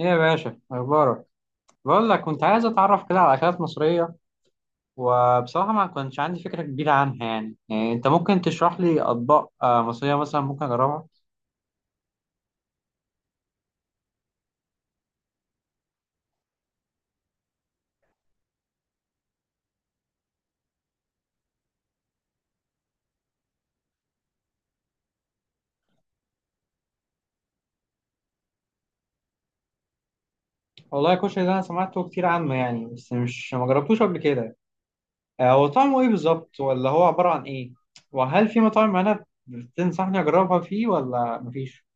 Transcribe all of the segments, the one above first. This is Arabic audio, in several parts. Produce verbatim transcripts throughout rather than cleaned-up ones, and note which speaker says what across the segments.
Speaker 1: ايه يا باشا اخبارك؟ بقول لك كنت عايز اتعرف كده على اكلات مصريه، وبصراحه ما كنتش عندي فكره كبيره عنها يعني, يعني انت ممكن تشرح لي اطباق آه، مصريه مثلا ممكن اجربها؟ والله الكشري ده انا سمعته كتير عنه يعني بس مش ما جربتوش قبل كده. آه، هو طعمه ايه بالظبط ولا هو عباره عن ايه؟ وهل في مطاعم انا تنصحني اجربها فيه ولا مفيش؟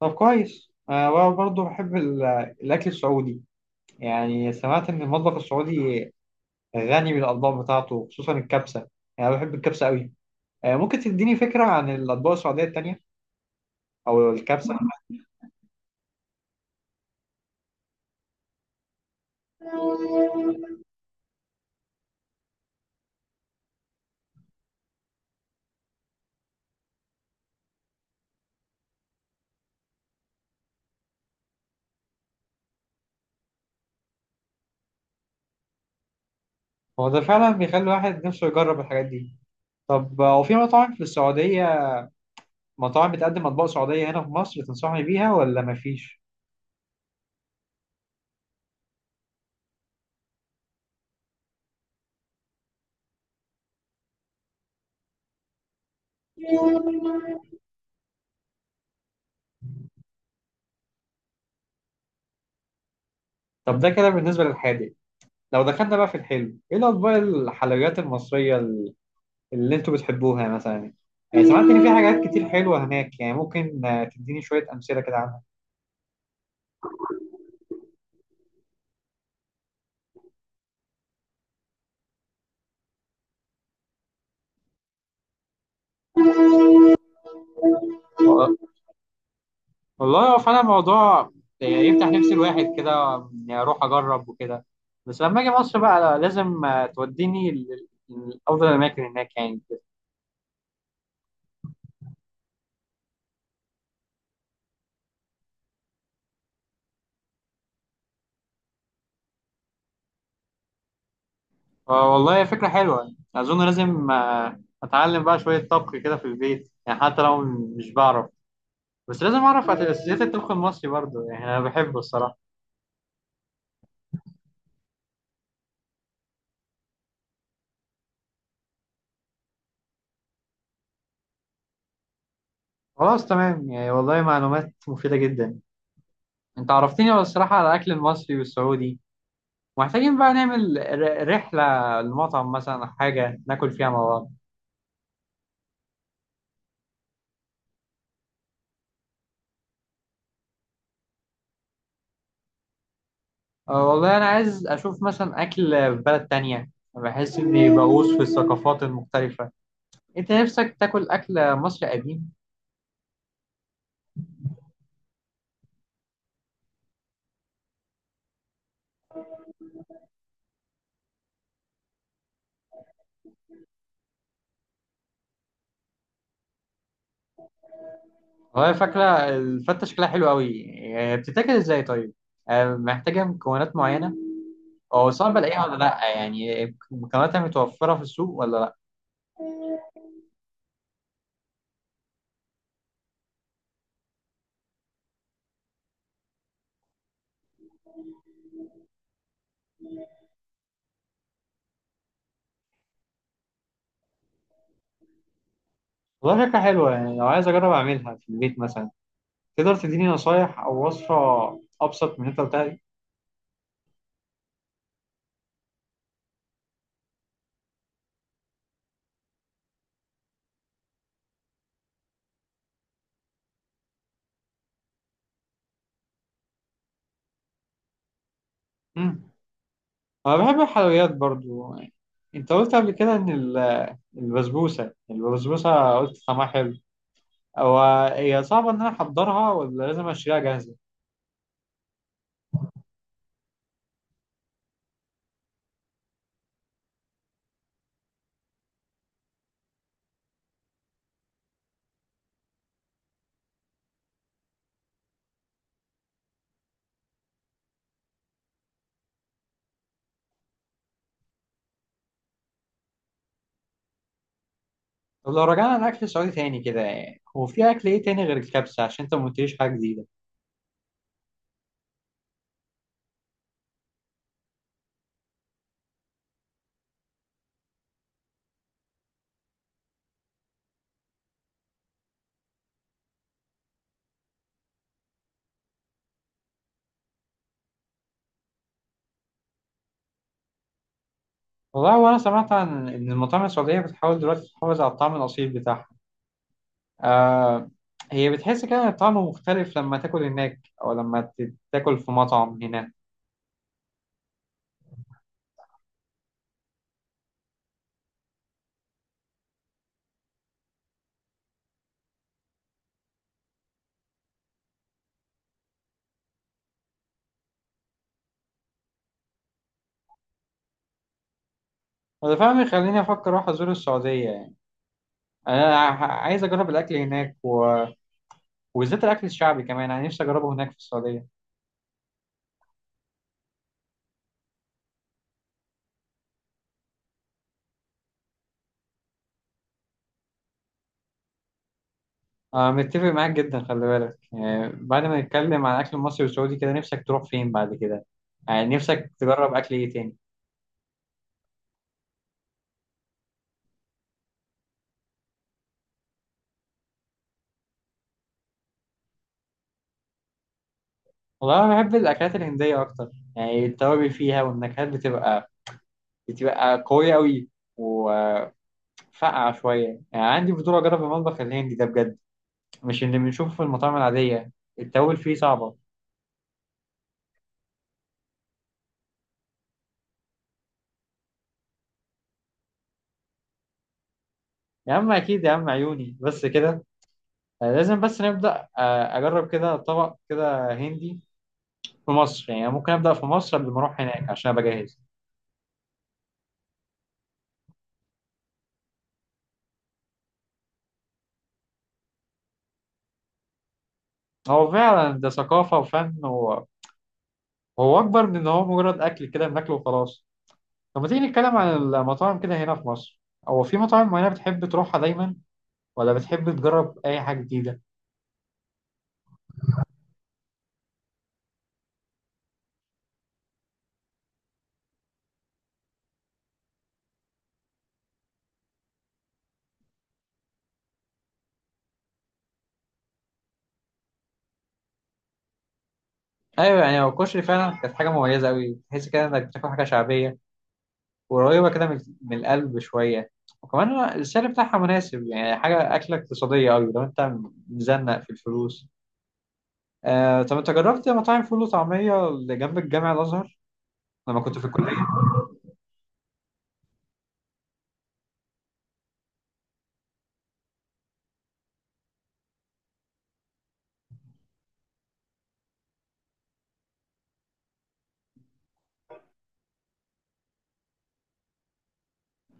Speaker 1: طب كويس، انا برضه بحب ال- الاكل السعودي، يعني سمعت ان المطبخ السعودي غني بالاطباق بتاعته خصوصا الكبسه، يعني انا بحب الكبسه قوي. آه، ممكن تديني فكره عن الاطباق السعوديه التانيه او الكبسه؟ هو ده فعلا بيخلي الواحد نفسه يجرب الحاجات دي. طب آه، هو في مطاعم في السعوديه، مطاعم بتقدم اطباق سعوديه هنا في مصر تنصحني بيها ولا مفيش؟ طب ده كده بالنسبه للحادق، لو دخلنا بقى في الحلو، ايه الاطباق الحلويات المصريه اللي انتوا بتحبوها مثلا؟ يعني سمعت ان في حاجات كتير حلوه هناك، يعني ممكن آه، تديني شويه امثله كده عنها؟ والله هو فعلا الموضوع يعني يفتح نفس الواحد كده إني اروح اجرب وكده. بس لما اجي مصر بقى لازم آه، توديني ل- لافضل الاماكن هناك يعني كده. آه، والله فكره حلوه، اظن لازم آه، اتعلم بقى شويه طبخ كده في البيت، يعني حتى لو مش بعرف بس لازم اعرف اساسيات الطبخ المصري برضه، يعني انا بحبه الصراحه. خلاص تمام، يعني والله معلومات مفيده جدا، انت عرفتني الصراحه على الاكل المصري والسعودي. محتاجين بقى نعمل ر- رحلة لمطعم مثلا أو حاجة ناكل فيها مع بعض. أه والله أنا عايز أشوف مثلا أكل في بلد تانية، بحس إني بغوص في الثقافات المختلفة. أنت نفسك تاكل أكل مصري قديم؟ والله فاكرة الفتة شكلها حلو أوي، يعني بتتاكل إزاي طيب؟ أه محتاجة مكونات معينة؟ أو صعب ألاقيها ولا لأ يعني؟ مكوناتها متوفرة في السوق ولا لأ؟ والله شكلها حلوة، يعني لو عايز أجرب أعملها في البيت مثلا، تقدر تديني نصايح أو وصفة أبسط من اللي أنت قلتها دي؟ مم. أنا بحب الحلويات برضو. أنت قلت قبل كده إن ال- البسبوسة البسبوسة قلت طعمها حلو. هو هي صعبة إن أنا أحضرها ولا لازم أشتريها جاهزة؟ طب لو رجعنا لأكل سعودي تاني كده، هو في أكل إيه تاني غير الكبسة عشان أنت ما قلتليش حاجة جديدة؟ والله وأنا سمعت عن إن المطاعم السعودية بتحاول دلوقتي تحافظ على الطعم الأصيل بتاعها. آه، هي بتحس كده إن الطعم مختلف لما تاكل هناك أو لما ت- تاكل في مطعم هنا؟ وده فعلا يخليني أفكر أروح أزور السعودية. انا ع- عايز اجرب الاكل هناك و... وبالذات الاكل الشعبي، كمان انا نفسي اجربه هناك في السعوديه. انا متفق معاك جدا. خلي بالك يعني بعد ما نتكلم عن الاكل المصري والسعودي كده، نفسك تروح فين بعد كده؟ يعني نفسك تجرب اكل ايه تاني؟ والله انا بحب الاكلات الهنديه اكتر، يعني التوابل فيها والنكهات بتبقى بتبقى قويه قوي وفقعه شويه، يعني عندي فضول اجرب المطبخ الهندي ده بجد، مش اللي بنشوفه في المطاعم العاديه. التوابل فيه صعبه. يا عم اكيد يا عم، عيوني بس كده. آه، لازم بس نبدأ، آه، أجرب كده طبق كده هندي في مصر، يعني ممكن أبدأ في مصر قبل ما أروح هناك عشان أبقى جاهز. هو فعلا ده ثقافة وفن و- وهو أكبر من إن هو مجرد أكل كده بناكله وخلاص. طب ما تيجي نتكلم عن المطاعم كده هنا في مصر، هو في مطاعم معينة بتحب تروحها دايما ولا بتحب تجرب أي حاجة جديدة؟ أيوه، يعني هو الكشري فعلا كانت حاجة مميزة أوي، تحس كده إنك بتاكل حاجة شعبية قريبة كده من من القلب شوية، وكمان السعر بتاعها مناسب، يعني حاجة أكلة اقتصادية أوي لو أنت مزنق في الفلوس. آه، طب أنت جربت مطاعم فول وطعمية اللي جنب الجامع الأزهر لما كنت في الكلية؟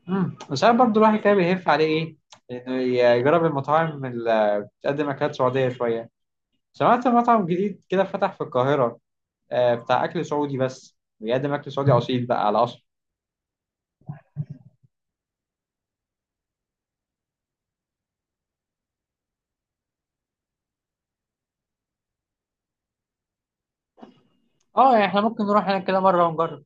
Speaker 1: امم بس أنا برضه الواحد كده بيهف عليه إيه؟ إنه يجرب المطاعم اللي بتقدم أكلات سعودية شوية. سمعت مطعم جديد كده فتح في القاهرة، آه، بتاع أكل سعودي، بس بيقدم أكل سعودي أصيل بقى على أصل. آه، يعني إحنا ممكن نروح هناك كده مرة ونجرب.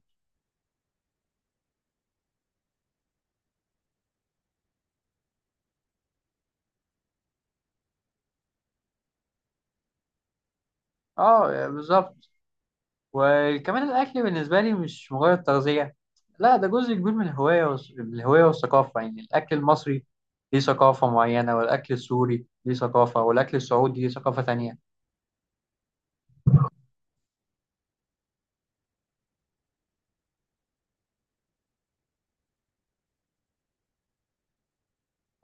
Speaker 1: آه بالظبط، وكمان الأكل بالنسبة لي مش مجرد تغذية، لا ده جزء كبير من الهواية والس- من الهواية والثقافة، يعني الأكل المصري ليه ثقافة معينة، والأكل السوري ليه ثقافة، والأكل السعودي ليه ثقافة تانية.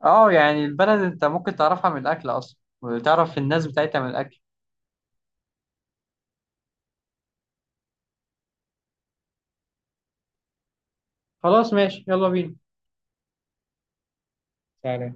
Speaker 1: اه يعني البلد أنت ممكن تعرفها من الأكل أصلا، وتعرف الناس بتاعتها من الأكل. خلاص ماشي، يلا بينا، تعالى.